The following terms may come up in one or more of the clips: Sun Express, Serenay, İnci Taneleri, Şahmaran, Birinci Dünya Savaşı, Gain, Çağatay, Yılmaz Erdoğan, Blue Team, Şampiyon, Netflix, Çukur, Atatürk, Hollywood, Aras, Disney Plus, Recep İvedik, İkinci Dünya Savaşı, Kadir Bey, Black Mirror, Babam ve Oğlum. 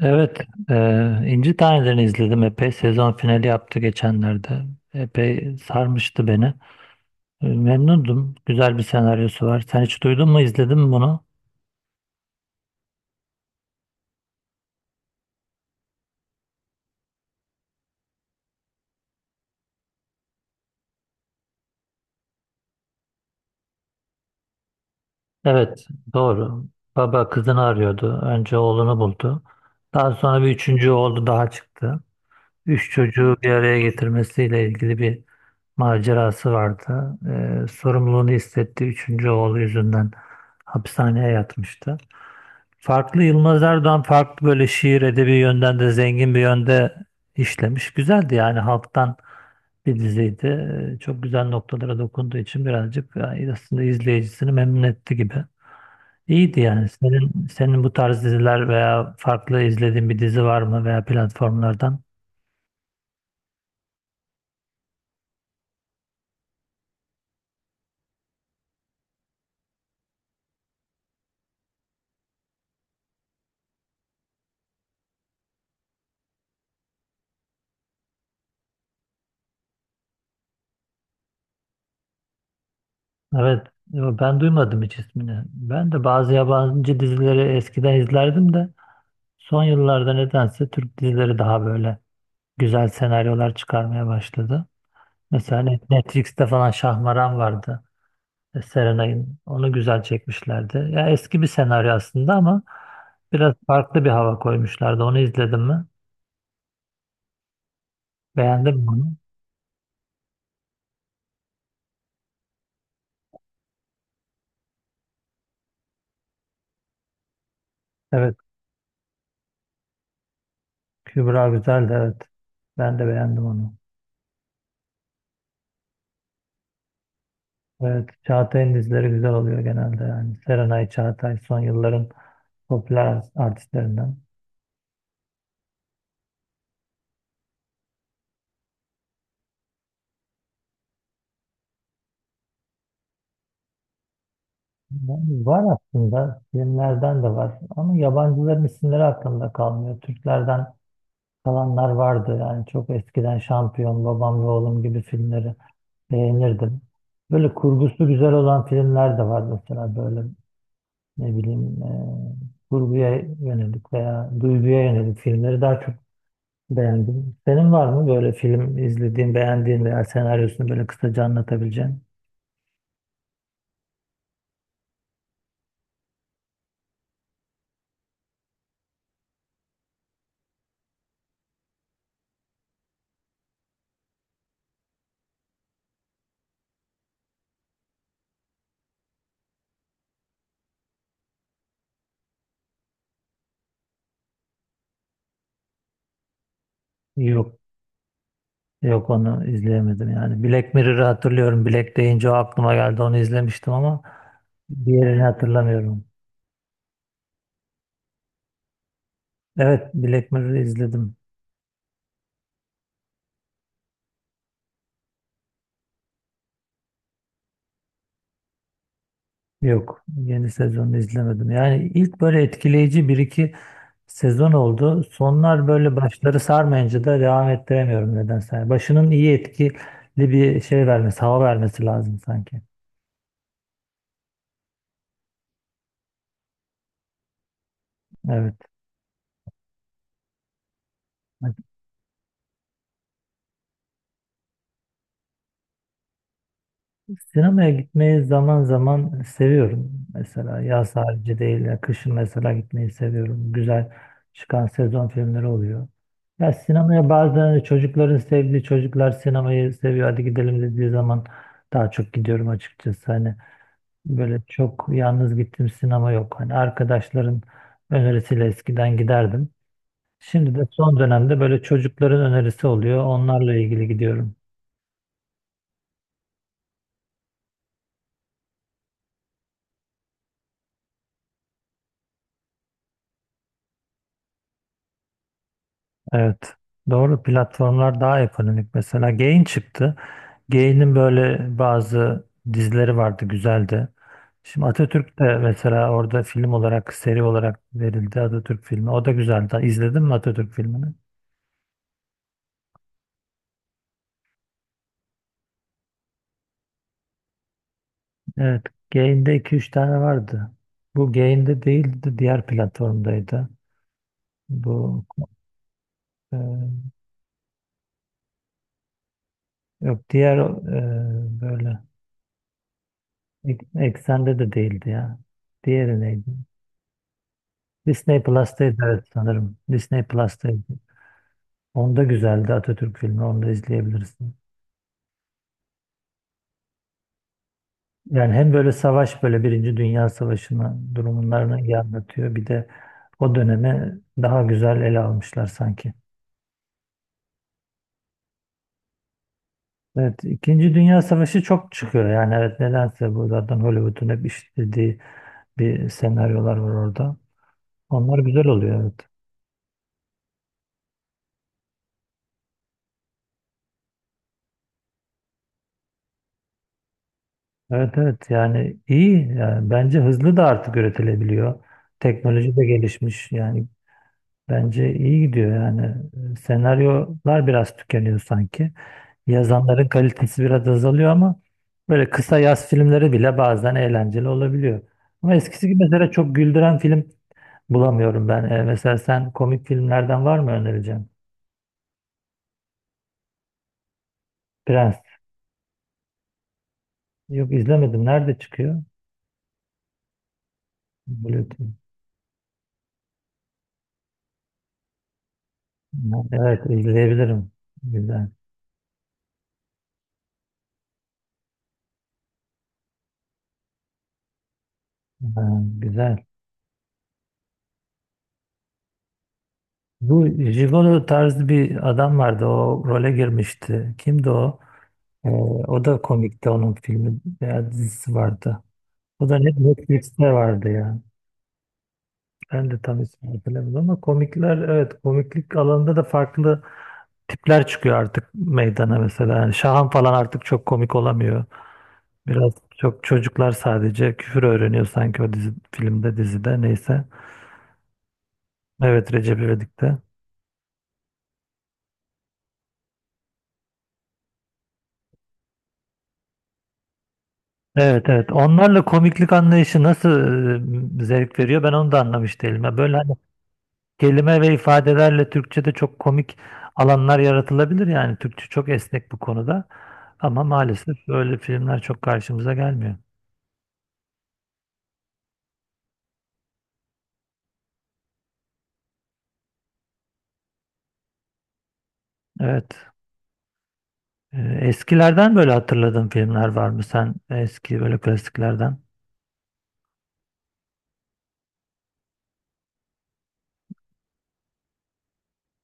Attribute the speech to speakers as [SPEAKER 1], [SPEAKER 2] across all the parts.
[SPEAKER 1] Evet, e, İnci Taneleri'ni izledim. Epey sezon finali yaptı geçenlerde. Epey sarmıştı beni. Memnundum. Güzel bir senaryosu var. Sen hiç duydun mu, izledin mi bunu? Evet, doğru. Baba kızını arıyordu. Önce oğlunu buldu. Daha sonra bir üçüncü oğlu daha çıktı. Üç çocuğu bir araya getirmesiyle ilgili bir macerası vardı. Sorumluluğunu hissettiği üçüncü oğlu yüzünden hapishaneye yatmıştı. Farklı Yılmaz Erdoğan farklı böyle şiir edebi yönden de zengin bir yönde işlemiş. Güzeldi, yani halktan bir diziydi. Çok güzel noktalara dokunduğu için birazcık, yani aslında izleyicisini memnun etti gibi. İyiydi yani. Senin bu tarz diziler veya farklı izlediğin bir dizi var mı veya platformlardan? Evet, yo, ben duymadım hiç ismini. Ben de bazı yabancı dizileri eskiden izlerdim de son yıllarda nedense Türk dizileri daha böyle güzel senaryolar çıkarmaya başladı. Mesela hani Netflix'te falan Şahmaran vardı. Serenay'ın. Onu güzel çekmişlerdi. Ya eski bir senaryo aslında ama biraz farklı bir hava koymuşlardı. Onu izledim mi? Beğendim mi onu? Evet, Kübra güzeldi, evet. Ben de beğendim onu. Evet, Çağatay'ın dizileri güzel oluyor genelde yani. Serenay Çağatay son yılların popüler artistlerinden. Yani var aslında, filmlerden de var ama yabancıların isimleri aklımda kalmıyor. Türklerden kalanlar vardı, yani çok eskiden Şampiyon, Babam ve Oğlum gibi filmleri beğenirdim. Böyle kurgusu güzel olan filmler de var, mesela böyle ne bileyim kurguya yönelik veya duyguya yönelik filmleri daha çok beğendim. Senin var mı böyle film izlediğin, beğendiğin veya senaryosunu böyle kısaca anlatabileceğin? Yok, yok onu izleyemedim yani. Black Mirror'ı hatırlıyorum. Black deyince o aklıma geldi. Onu izlemiştim ama diğerini hatırlamıyorum. Evet, Black Mirror'ı izledim. Yok, yeni sezonu izlemedim. Yani ilk böyle etkileyici bir iki sezon oldu. Sonlar böyle başları sarmayınca da devam ettiremiyorum nedense. Yani başının iyi etkili bir şey vermesi, hava vermesi lazım sanki. Evet. Sinemaya gitmeyi zaman zaman seviyorum. Mesela yaz harici değil, ya kışın mesela gitmeyi seviyorum. Güzel çıkan sezon filmleri oluyor. Ya sinemaya bazen çocukların sevdiği, çocuklar sinemayı seviyor, hadi gidelim dediği zaman daha çok gidiyorum açıkçası. Hani böyle çok yalnız gittiğim sinema yok. Hani arkadaşların önerisiyle eskiden giderdim. Şimdi de son dönemde böyle çocukların önerisi oluyor. Onlarla ilgili gidiyorum. Evet. Doğru, platformlar daha ekonomik. Mesela Gain çıktı. Gain'in böyle bazı dizileri vardı, güzeldi. Şimdi Atatürk de mesela orada film olarak, seri olarak verildi Atatürk filmi. O da güzeldi. İzledin mi Atatürk filmini? Evet. Gain'de iki üç tane vardı. Bu Gain'de değildi. Diğer platformdaydı. Bu e, yok diğer böyle eksende de değildi ya. Diğeri neydi? Disney Plus'taydı, evet sanırım. Disney Plus'taydı. Onda güzeldi Atatürk filmi. Onu da izleyebilirsin. Yani hem böyle savaş, böyle Birinci Dünya Savaşı'na durumlarını iyi anlatıyor. Bir de o dönemi daha güzel ele almışlar sanki. Evet, İkinci Dünya Savaşı çok çıkıyor. Yani evet, nedense bu zaten Hollywood'un hep işlediği bir senaryolar var orada. Onlar güzel oluyor, evet. Evet evet, yani iyi, yani bence hızlı da artık üretilebiliyor. Teknoloji de gelişmiş yani. Bence iyi gidiyor yani. Senaryolar biraz tükeniyor sanki. Yazanların kalitesi biraz azalıyor ama böyle kısa yaz filmleri bile bazen eğlenceli olabiliyor. Ama eskisi gibi mesela çok güldüren film bulamıyorum ben. Mesela sen komik filmlerden var mı önereceğim? Prens. Yok, izlemedim. Nerede çıkıyor? Blue Team. Evet, izleyebilirim. Güzel. Ha, güzel. Bu Gigolo tarzı bir adam vardı. O role girmişti. Kimdi o? Ee, O da komikti, onun filmi veya dizisi vardı. O da Netflix'te vardı ya. Ben de tam ismini hatırlamıyorum ama komikler, evet komiklik alanında da farklı tipler çıkıyor artık meydana mesela. Yani Şahan falan artık çok komik olamıyor. Biraz çok, çocuklar sadece küfür öğreniyor sanki o dizi, filmde, dizide neyse. Evet, Recep İvedik'te. Evet evet, onlarla komiklik anlayışı nasıl zevk veriyor, ben onu da anlamış değilim. Ya böyle hani kelime ve ifadelerle Türkçe'de çok komik alanlar yaratılabilir yani. Türkçe çok esnek bu konuda. Ama maalesef böyle filmler çok karşımıza gelmiyor. Evet. Eskilerden böyle hatırladığın filmler var mı sen? Eski böyle klasiklerden.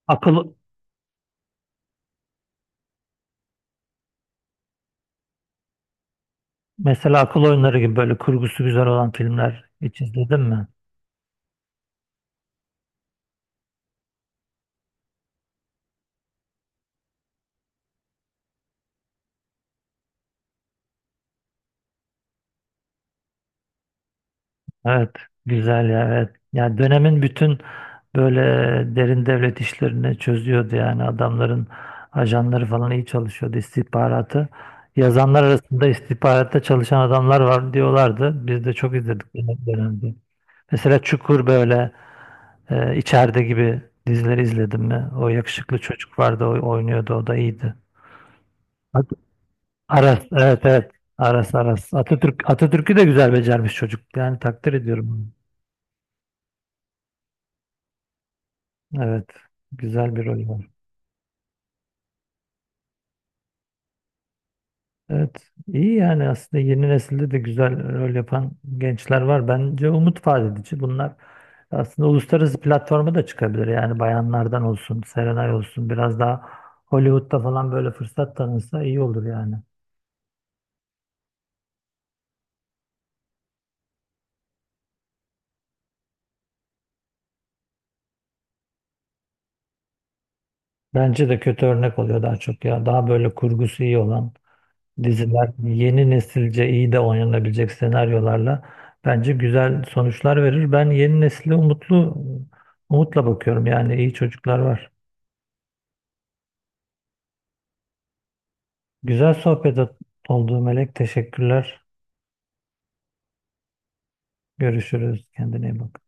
[SPEAKER 1] Akıl, Mesela akıl oyunları gibi böyle kurgusu güzel olan filmler hiç izledin mi? Evet, güzel ya, evet. Yani dönemin bütün böyle derin devlet işlerini çözüyordu, yani adamların ajanları falan iyi çalışıyordu, istihbaratı. Yazanlar arasında istihbaratta çalışan adamlar var diyorlardı. Biz de çok izledik dönemde. Mesela Çukur, böyle içeride gibi dizileri izledim mi? O yakışıklı çocuk vardı, o oynuyordu, o da iyiydi. At- Aras, evet evet. Aras. Atatürk'ü de güzel becermiş çocuk. Yani takdir ediyorum. Evet. Güzel bir rol var. Evet, iyi yani aslında yeni nesilde de güzel rol yapan gençler var. Bence umut vaat edici. Bunlar aslında uluslararası platforma da çıkabilir. Yani bayanlardan olsun, Serenay olsun biraz daha Hollywood'da falan böyle fırsat tanınsa iyi olur yani. Bence de kötü örnek oluyor daha çok ya. Daha böyle kurgusu iyi olan diziler, yeni nesilce iyi de oynanabilecek senaryolarla bence güzel sonuçlar verir. Ben yeni nesile umutla bakıyorum. Yani iyi çocuklar var. Güzel sohbet oldu Melek. Teşekkürler. Görüşürüz. Kendine iyi bak.